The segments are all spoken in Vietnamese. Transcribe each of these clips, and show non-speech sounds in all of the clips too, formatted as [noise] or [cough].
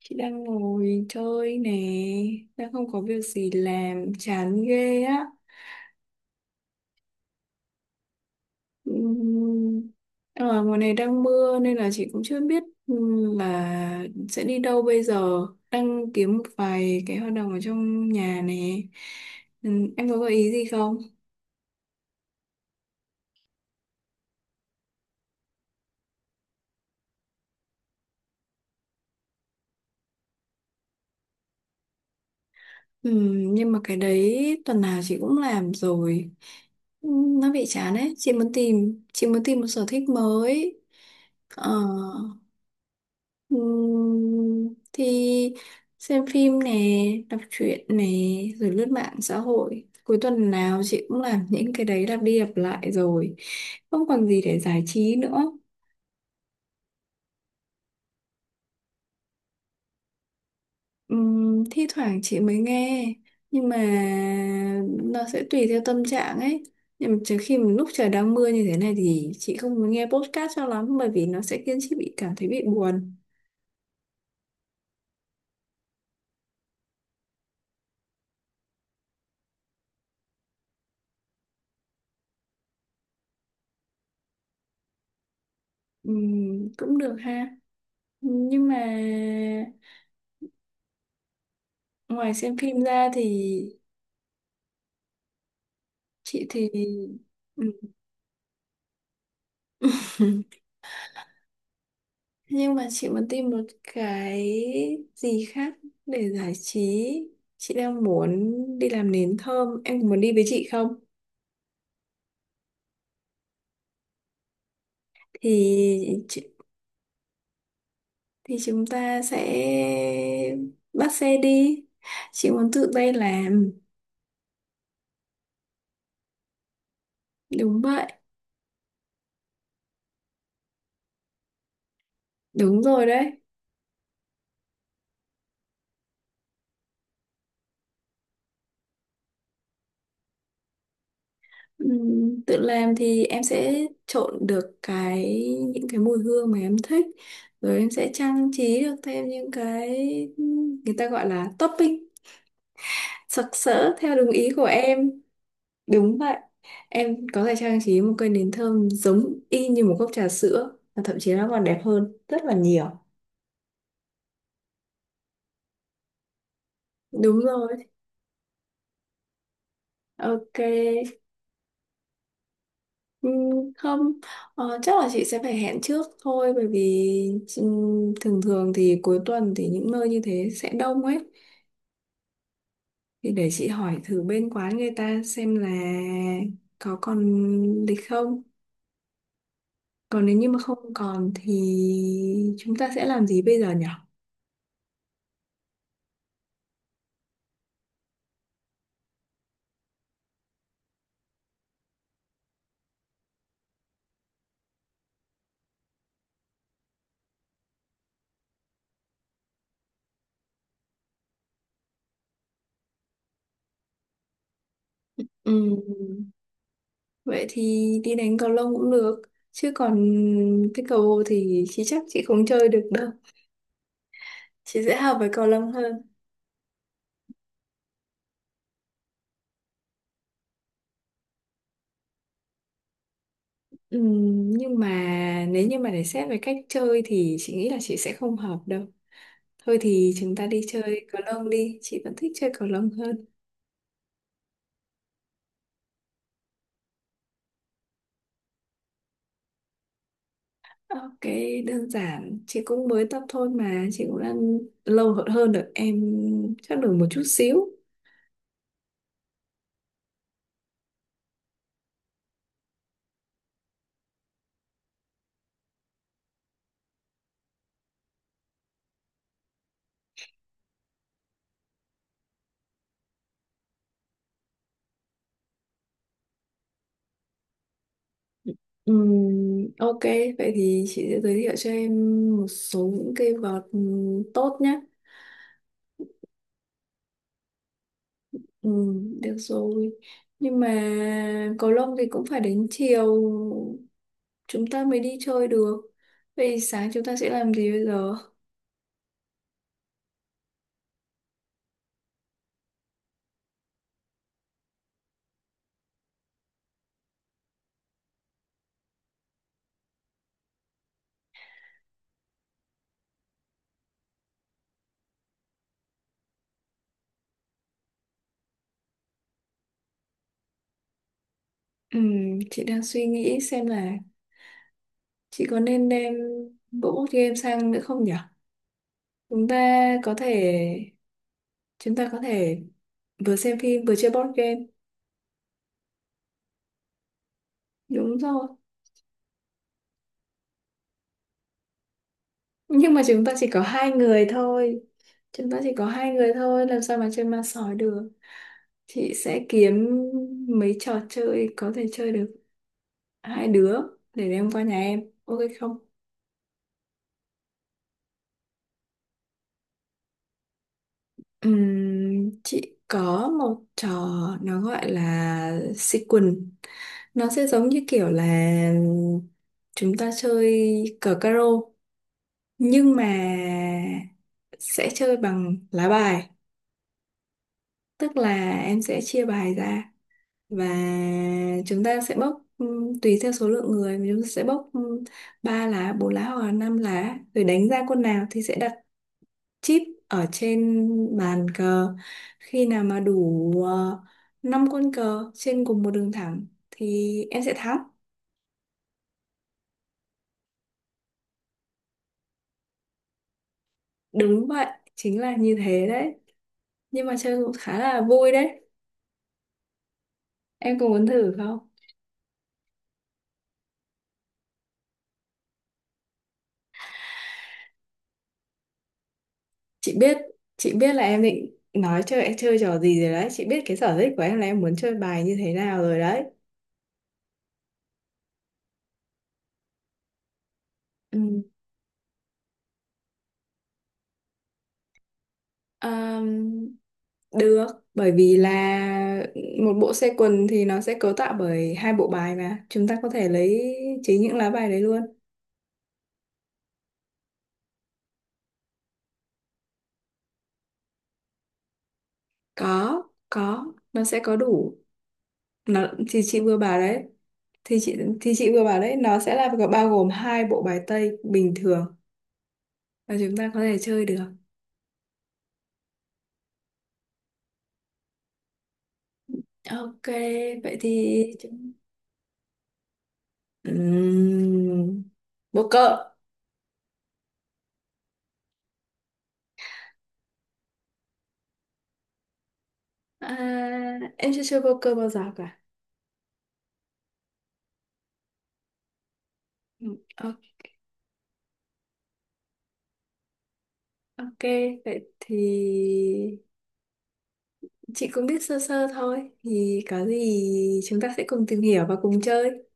Chị đang ngồi chơi nè, đang không có việc gì làm, chán ghê á. Ừm, Ở ngoài này đang mưa nên là chị cũng chưa biết là sẽ đi đâu bây giờ. Đang kiếm một vài cái hoạt động ở trong nhà nè. Em có gợi ý gì không? Nhưng mà cái đấy tuần nào chị cũng làm rồi. Nó bị chán ấy, chị muốn tìm một sở thích mới. Ờ. Thì xem phim nè, đọc truyện nè, rồi lướt mạng xã hội. Cuối tuần nào chị cũng làm những cái đấy lặp đi lặp lại rồi. Không còn gì để giải trí nữa. Thi thoảng chị mới nghe, nhưng mà nó sẽ tùy theo tâm trạng ấy. Nhưng mà trừ khi mà lúc trời đang mưa như thế này thì chị không muốn nghe podcast cho lắm bởi vì nó sẽ khiến chị bị cảm thấy bị buồn. Cũng được ha. Nhưng mà ngoài xem phim ra thì chị thì ừ. [laughs] Nhưng mà chị muốn tìm một cái gì khác để giải trí. Chị đang muốn đi làm nến thơm, em có muốn đi với chị không? Thì chị, thì chúng ta sẽ bắt xe đi, chị muốn tự tay làm. Đúng vậy. Đúng rồi đấy. Tự làm thì em sẽ trộn được những cái mùi hương mà em thích, rồi em sẽ trang trí được thêm những cái người ta gọi là topping sặc sỡ theo đúng ý của em. Đúng vậy. Em có thể trang trí một cây nến thơm giống y như một cốc trà sữa và thậm chí nó còn đẹp hơn rất là nhiều. Đúng rồi. Ok. Ừ, không, chắc là chị sẽ phải hẹn trước thôi bởi vì thường thường thì cuối tuần thì những nơi như thế sẽ đông ấy, thì để chị hỏi thử bên quán người ta xem là có còn lịch không. Còn nếu như mà không còn thì chúng ta sẽ làm gì bây giờ nhỉ? Ừm, Vậy thì đi đánh cầu lông cũng được, chứ còn cái cầu thì chị chắc chị không chơi được đâu. Chị sẽ hợp với cầu lông hơn. Nhưng mà nếu như mà để xét về cách chơi thì chị nghĩ là chị sẽ không hợp đâu. Thôi thì chúng ta đi chơi cầu lông đi, chị vẫn thích chơi cầu lông hơn. Ok, đơn giản, chị cũng mới tập thôi mà, chị cũng đang lâu hơn hơn được em chắc được một chút xíu. Ok, vậy thì chị sẽ giới thiệu cho em một số những cây vợt tốt nhé. Được rồi. Nhưng mà cầu lông thì cũng phải đến chiều chúng ta mới đi chơi được. Vậy sáng chúng ta sẽ làm gì bây giờ? Chị đang suy nghĩ xem là chị có nên đem bộ board game sang nữa không nhỉ? Chúng ta có thể chúng ta có thể vừa xem phim vừa chơi board game. Đúng rồi. Nhưng mà chúng ta chỉ có hai người thôi. Chúng ta chỉ có hai người thôi, làm sao mà chơi ma sói được. Chị sẽ kiếm mấy trò chơi có thể chơi được hai đứa để đem qua nhà em. Ok không? Chị có một trò nó gọi là sequence, nó sẽ giống như kiểu là chúng ta chơi cờ caro nhưng mà sẽ chơi bằng lá bài, tức là em sẽ chia bài ra và chúng ta sẽ bóc tùy theo số lượng người mà chúng ta sẽ bóc ba lá, bốn lá hoặc là năm lá, rồi đánh ra con nào thì sẽ đặt chip ở trên bàn cờ. Khi nào mà đủ uh, 5 con cờ trên cùng một đường thẳng thì em sẽ thắng. Đúng vậy. Chính là như thế đấy, nhưng mà chơi cũng khá là vui đấy. Em có muốn thử không? Chị biết chị biết là em định nói chơi chơi trò gì rồi đấy. Chị biết cái sở thích của em là em muốn chơi bài như thế nào rồi đấy. Ừ. Ờm, Được, bởi vì là một bộ xe quần thì nó sẽ cấu tạo bởi hai bộ bài mà chúng ta có thể lấy chính những lá bài đấy luôn. Có, có. Nó sẽ có đủ. Nó thì chị vừa bảo đấy, thì chị vừa bảo đấy, nó sẽ là bao gồm hai bộ bài tây bình thường và chúng ta có thể chơi được. Ok, vậy thì chúng... Ừm, Poker. À, em chưa chơi poker bao giờ cả. Ừ, ok. Ok, vậy thì chị cũng biết sơ sơ thôi. Thì có gì chúng ta sẽ cùng tìm hiểu và cùng chơi.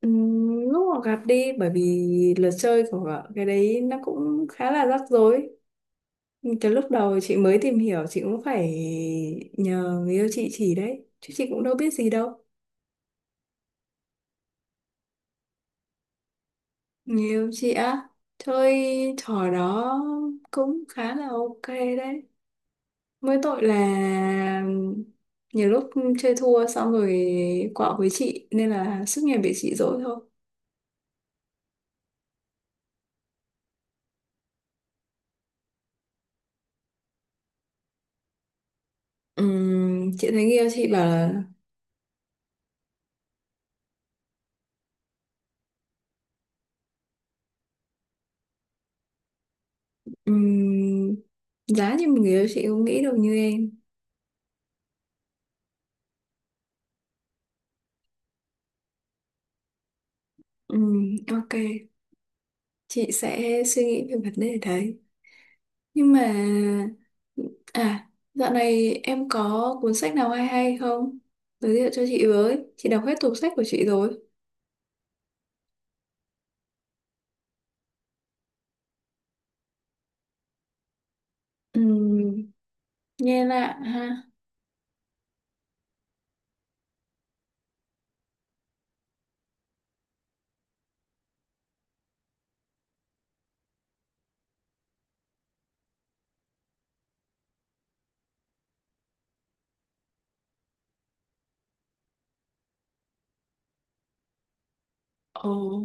Lúc mà gặp đi, bởi vì luật chơi của cái đấy nó cũng khá là rắc rối. Cái lúc đầu chị mới tìm hiểu, chị cũng phải nhờ người yêu chị chỉ đấy. Chứ chị cũng đâu biết gì đâu. Người yêu chị á, chơi trò đó cũng khá là ok đấy. Mỗi tội là nhiều lúc chơi thua xong rồi quạo với chị nên là suốt ngày bị chị dỗi thôi. Chị thấy người yêu chị bảo là ừm, giá như một người yêu chị không nghĩ được như em. Ok, chị sẽ suy nghĩ về vấn đề đấy. Nhưng mà à, dạo này em có cuốn sách nào hay hay không? Giới thiệu cho chị với. Chị đọc hết tủ sách của chị rồi. Ừm, Nghe lạ ha. Ồ,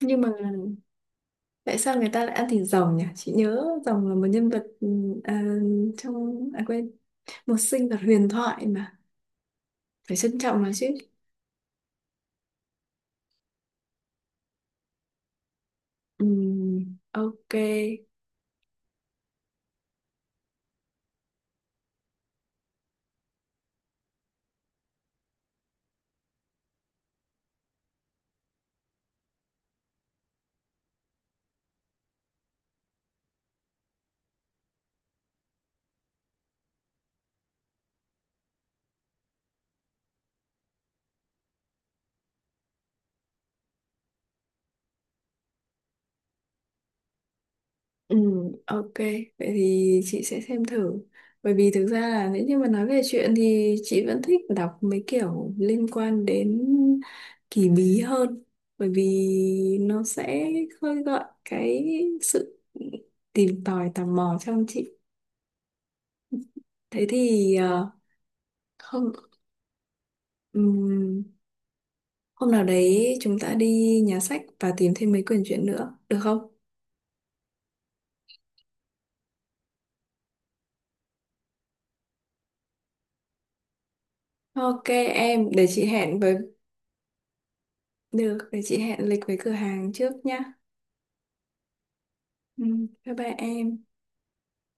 nhưng mà tại sao người ta lại ăn thịt rồng nhỉ? Chị nhớ rồng là một nhân vật à, trong à quên, một sinh vật huyền thoại mà phải trân trọng nó chứ. Ừm, ok. Ok. Vậy thì chị sẽ xem thử. Bởi vì thực ra là nếu như mà nói về chuyện thì chị vẫn thích đọc mấy kiểu liên quan đến kỳ bí hơn. Bởi vì nó sẽ khơi gợi cái sự tìm tòi tò mò trong chị. Thế thì không. Ừm, Hôm nào đấy chúng ta đi nhà sách và tìm thêm mấy quyển truyện nữa, được không? Ok em, để chị hẹn với được, để chị hẹn lịch với cửa hàng trước nhá. Bye bye em.